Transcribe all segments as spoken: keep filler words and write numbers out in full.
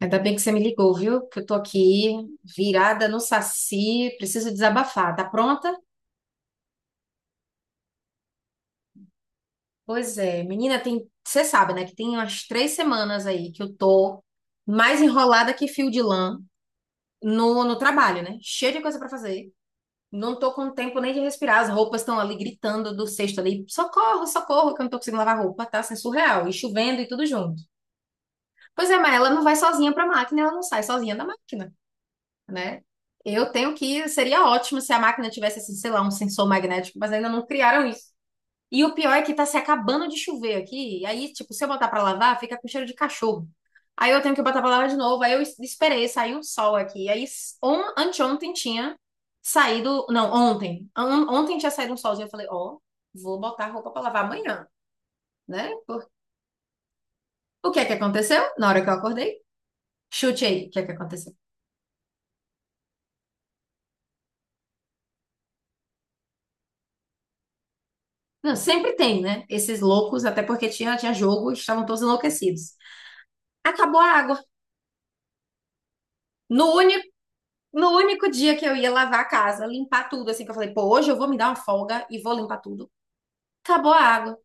Ainda bem que você me ligou, viu? Que eu tô aqui virada no saci, preciso desabafar. Tá pronta? Pois é, menina, tem, você sabe, né, que tem umas três semanas aí que eu tô mais enrolada que fio de lã no, no trabalho, né? Cheia de coisa pra fazer. Não tô com tempo nem de respirar. As roupas estão ali gritando do cesto ali, socorro, socorro, que eu não tô conseguindo lavar roupa, tá? Assim, surreal. E chovendo e tudo junto. Pois é, mas ela não vai sozinha pra máquina, ela não sai sozinha da máquina. Né? Eu tenho que. Seria ótimo se a máquina tivesse, assim, sei lá, um sensor magnético, mas ainda não criaram isso. E o pior é que tá se acabando de chover aqui. E aí, tipo, se eu botar pra lavar, fica com cheiro de cachorro. Aí eu tenho que botar pra lavar de novo. Aí eu es- esperei, saiu o sol aqui. Aí s- on, anteontem tinha saído. Não, ontem. On- ontem tinha saído um solzinho. Eu falei, ó, vou botar a roupa pra lavar amanhã, né? Por- o que é que aconteceu? Na hora que eu acordei, chute aí. O que é que aconteceu? Não, sempre tem, né? Esses loucos, até porque tinha, tinha jogo, estavam todos enlouquecidos. Acabou a água. No único, no único dia que eu ia lavar a casa, limpar tudo, assim, que eu falei, pô, hoje eu vou me dar uma folga e vou limpar tudo. Acabou a água.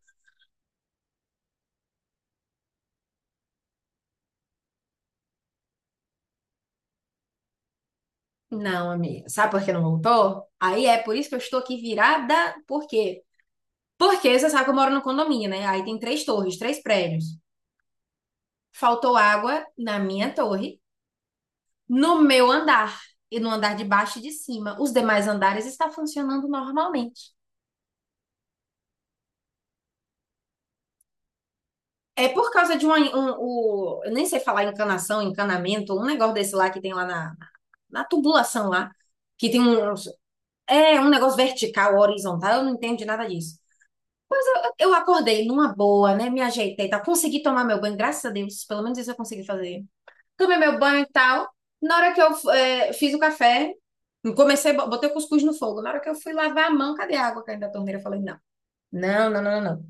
Não, amiga, sabe por que não voltou? Aí é por isso que eu estou aqui virada. Por quê? Porque você sabe que eu moro no condomínio, né? Aí tem três torres, três prédios. Faltou água na minha torre, no meu andar e no andar de baixo e de cima. Os demais andares está funcionando normalmente. É por causa de uma, um, o, eu nem sei falar encanação, encanamento, um negócio desse lá que tem lá na, na tubulação lá, que tem um, é um negócio vertical, horizontal, eu não entendo de nada disso. Mas eu, eu acordei numa boa, né? Me ajeitei, tá? Consegui tomar meu banho, graças a Deus, pelo menos isso eu consegui fazer. Tomei meu banho e tal. Na hora que eu eh, fiz o café, comecei, bo- botei o cuscuz no fogo. Na hora que eu fui lavar a mão, cadê a água caindo da torneira? Eu falei, não, não, não, não, não. Não.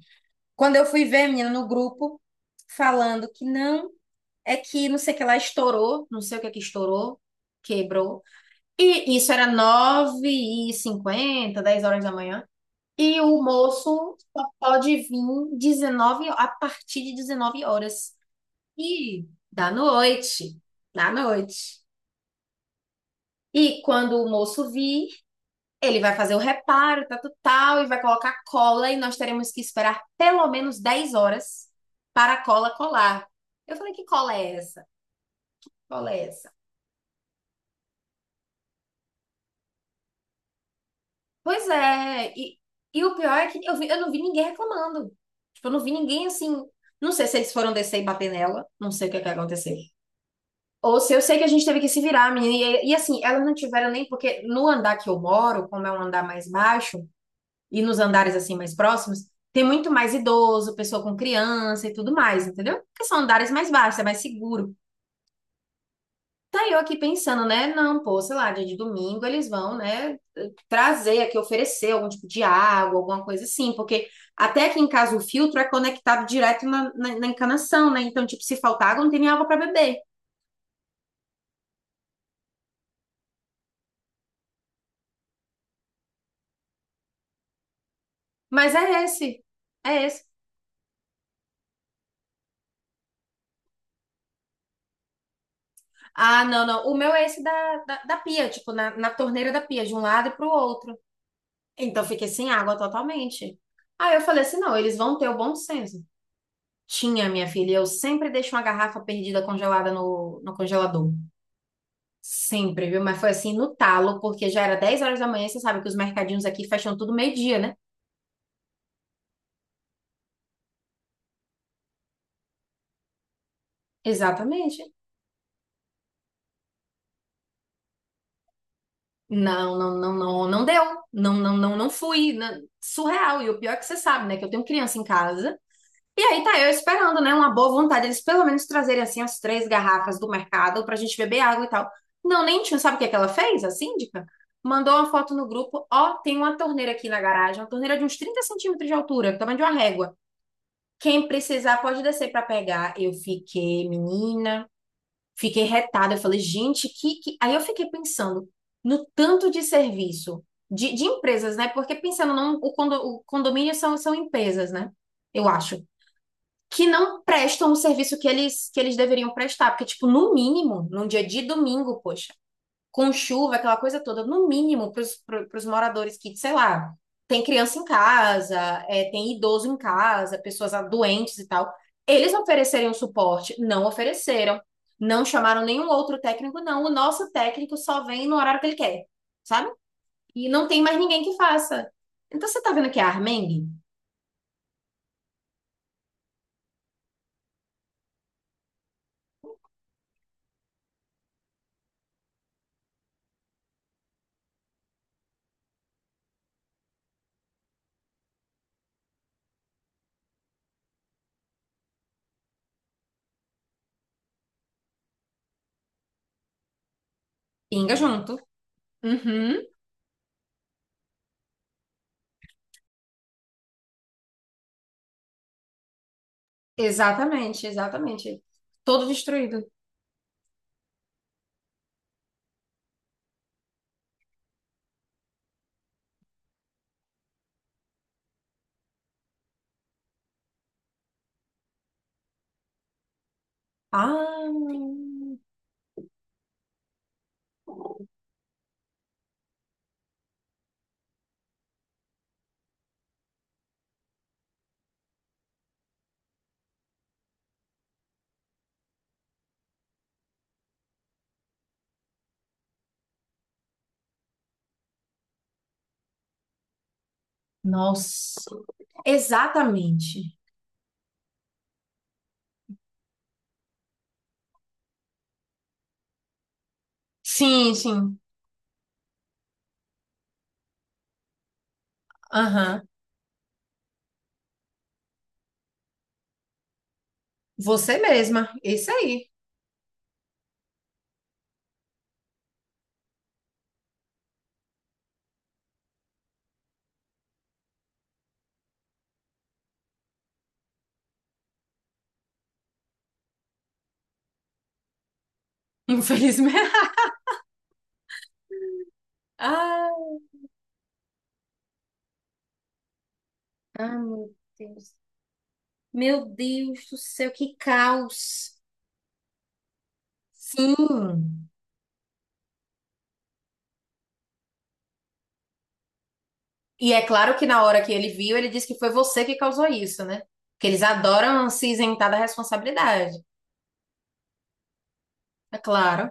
Quando eu fui ver, menina, no grupo, falando que não é que não sei o que lá estourou, não sei o que é que estourou, quebrou. E isso era nove e cinquenta, dez horas da manhã. E o moço só pode vir dezenove a partir de dezenove horas. E da noite, da noite. E quando o moço vir, ele vai fazer o reparo, tal, tal, tal, e vai colocar cola, e nós teremos que esperar pelo menos dez horas para a cola colar. Eu falei, que cola é essa? Cola é essa? Pois é, e, e o pior é que eu, vi- eu não vi ninguém reclamando. Tipo, eu não vi ninguém assim. Não sei se eles foram descer e bater nela, não sei o que é que aconteceu. Ou se eu sei que a gente teve que se virar, menina. E, e assim, elas não tiveram nem, porque no andar que eu moro, como é um andar mais baixo, e nos andares assim mais próximos, tem muito mais idoso, pessoa com criança e tudo mais, entendeu? Porque são andares mais baixos, é mais seguro. Tá eu aqui pensando, né? Não, pô, sei lá, dia de domingo eles vão, né, trazer aqui, oferecer algum tipo de água, alguma coisa assim, porque até aqui em casa o filtro é conectado direto na, na, na encanação, né? Então, tipo, se faltar água, não tem nem água para beber. Mas é esse, é esse. Ah, não, não, o meu é esse da, da, da pia, tipo, na, na torneira da pia, de um lado e pro outro. Então, eu fiquei sem água totalmente. Aí eu falei assim, não, eles vão ter o bom senso. Tinha, minha filha, eu sempre deixo uma garrafa perdida congelada no, no congelador. Sempre, viu? Mas foi assim no talo, porque já era dez horas da manhã, você sabe que os mercadinhos aqui fecham tudo meio-dia, né? Exatamente. Não, não, não, não, não deu. Não, não, não, não fui. Não- surreal. E o pior é que você sabe, né? Que eu tenho criança em casa. E aí tá eu esperando, né? Uma boa vontade. Eles pelo menos trazerem assim as três garrafas do mercado pra gente beber água e tal. Não, nem tinha. Sabe o que é que ela fez, a síndica? Mandou uma foto no grupo. Ó, tem uma torneira aqui na garagem, uma torneira de uns trinta centímetros de altura, tamanho de uma régua. Quem precisar pode descer para pegar. Eu fiquei, menina, fiquei retada. Eu falei, gente, que, que... Aí eu fiquei pensando no tanto de serviço de, de empresas, né? Porque pensando, não, o, condo, o condomínio são, são empresas, né? Eu acho. Que não prestam o serviço que eles, que eles deveriam prestar. Porque, tipo, no mínimo, num dia de domingo, poxa, com chuva, aquela coisa toda, no mínimo para os moradores que, sei lá, tem criança em casa, é, tem idoso em casa, pessoas doentes e tal, eles oferecerem um suporte, não ofereceram, não chamaram nenhum outro técnico, não. O nosso técnico só vem no horário que ele quer, sabe? E não tem mais ninguém que faça. Então você tá vendo que é Armengue? Pinga junto. Uhum. Exatamente, exatamente. Todo destruído. Ah, nossa. Exatamente. Sim, sim. Aham. Você mesma. Isso aí. Infelizmente. Ah, ai, meu Deus. Meu Deus do céu, que caos. Sim. E é claro que na hora que ele viu, ele disse que foi você que causou isso, né? Porque eles adoram se isentar da responsabilidade. É claro.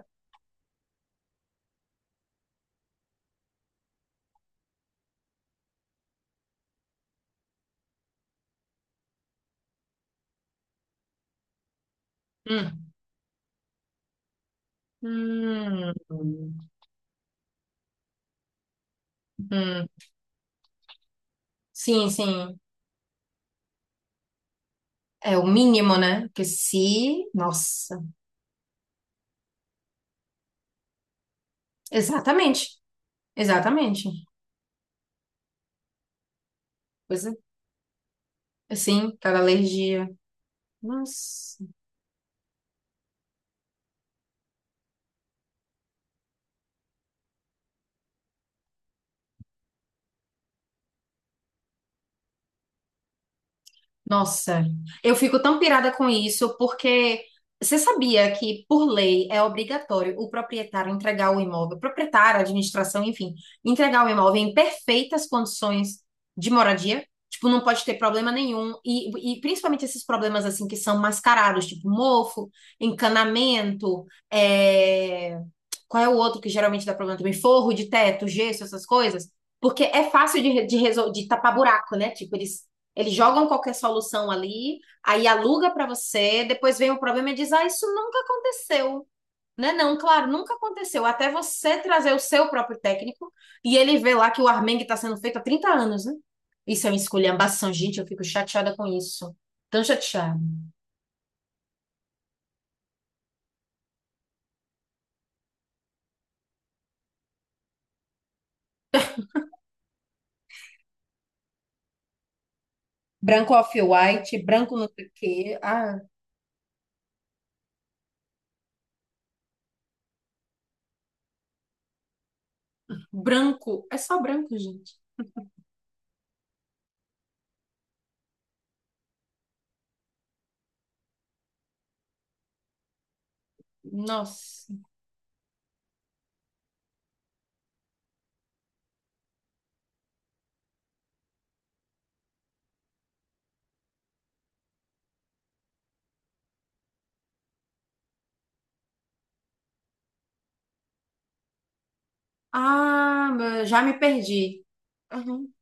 Hum. Hum. Hum. Sim, sim. É o mínimo, né? Porque se. Nossa. Exatamente. Exatamente. Pois é. Assim, cada alergia. Nossa. Nossa, eu fico tão pirada com isso porque você sabia que, por lei, é obrigatório o proprietário entregar o imóvel, proprietário, administração, enfim, entregar o imóvel em perfeitas condições de moradia. Tipo, não pode ter problema nenhum. E, e principalmente esses problemas, assim, que são mascarados, tipo mofo, encanamento, é, qual é o outro que geralmente dá problema também? Forro de teto, gesso, essas coisas. Porque é fácil de, de, resol- de tapar buraco, né? Tipo, eles eles jogam qualquer solução ali, aí aluga para você, depois vem o problema e diz: ah, isso nunca aconteceu. Né? Não, claro, nunca aconteceu. Até você trazer o seu próprio técnico e ele vê lá que o Armengue está sendo feito há trinta anos, né? Isso é uma esculhambação, gente. Eu fico chateada com isso. Tão chateada. Branco off-white, branco não sei o quê. Ah, branco. É só branco, gente. Nossa. Ah, já me perdi. Uhum.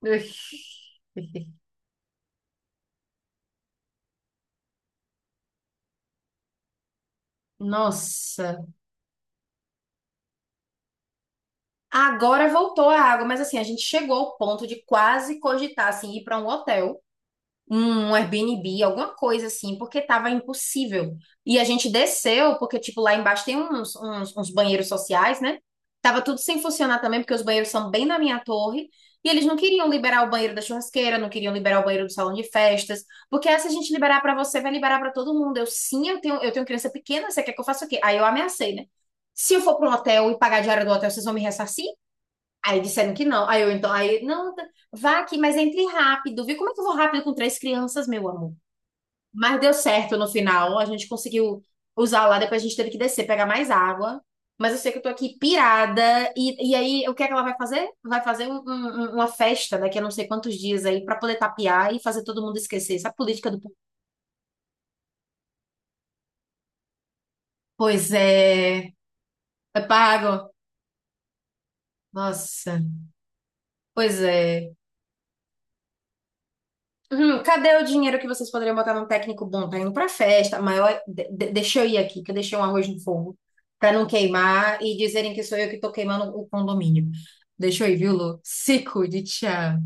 Nossa, agora voltou a água, mas assim, a gente chegou ao ponto de quase cogitar assim, ir para um hotel, um Airbnb, alguma coisa assim, porque tava impossível. E a gente desceu, porque tipo lá embaixo tem uns, uns, uns banheiros sociais, né? Tava tudo sem funcionar também, porque os banheiros são bem na minha torre. E eles não queriam liberar o banheiro da churrasqueira, não queriam liberar o banheiro do salão de festas, porque essa a gente liberar para você, vai liberar para todo mundo. Eu sim, eu tenho, eu tenho criança pequena, você quer que eu faça o quê? Aí eu ameacei, né? Se eu for para um hotel e pagar a diária do hotel, vocês vão me ressarcir? Aí disseram que não. Aí eu então, aí, não, tá- vá aqui, mas entre rápido, viu? Como é que eu vou rápido com três crianças, meu amor? Mas deu certo no final, a gente conseguiu usar lá, depois a gente teve que descer, pegar mais água. Mas eu sei que eu tô aqui pirada, e, e aí o que é que ela vai fazer? Vai fazer um- um- um- uma festa daqui a não sei quantos dias aí, pra poder tapear e fazer todo mundo esquecer. Essa política do. Pois é, é pago. Nossa, pois é. Hum, cadê o dinheiro que vocês poderiam botar num técnico bom? Tá indo pra festa, maior. De- de- deixa eu ir aqui, que eu deixei um arroz no fogo, pra não queimar e dizerem que sou eu que tô queimando o condomínio. Deixa eu ir, viu, Lu? Se cuide, tchau.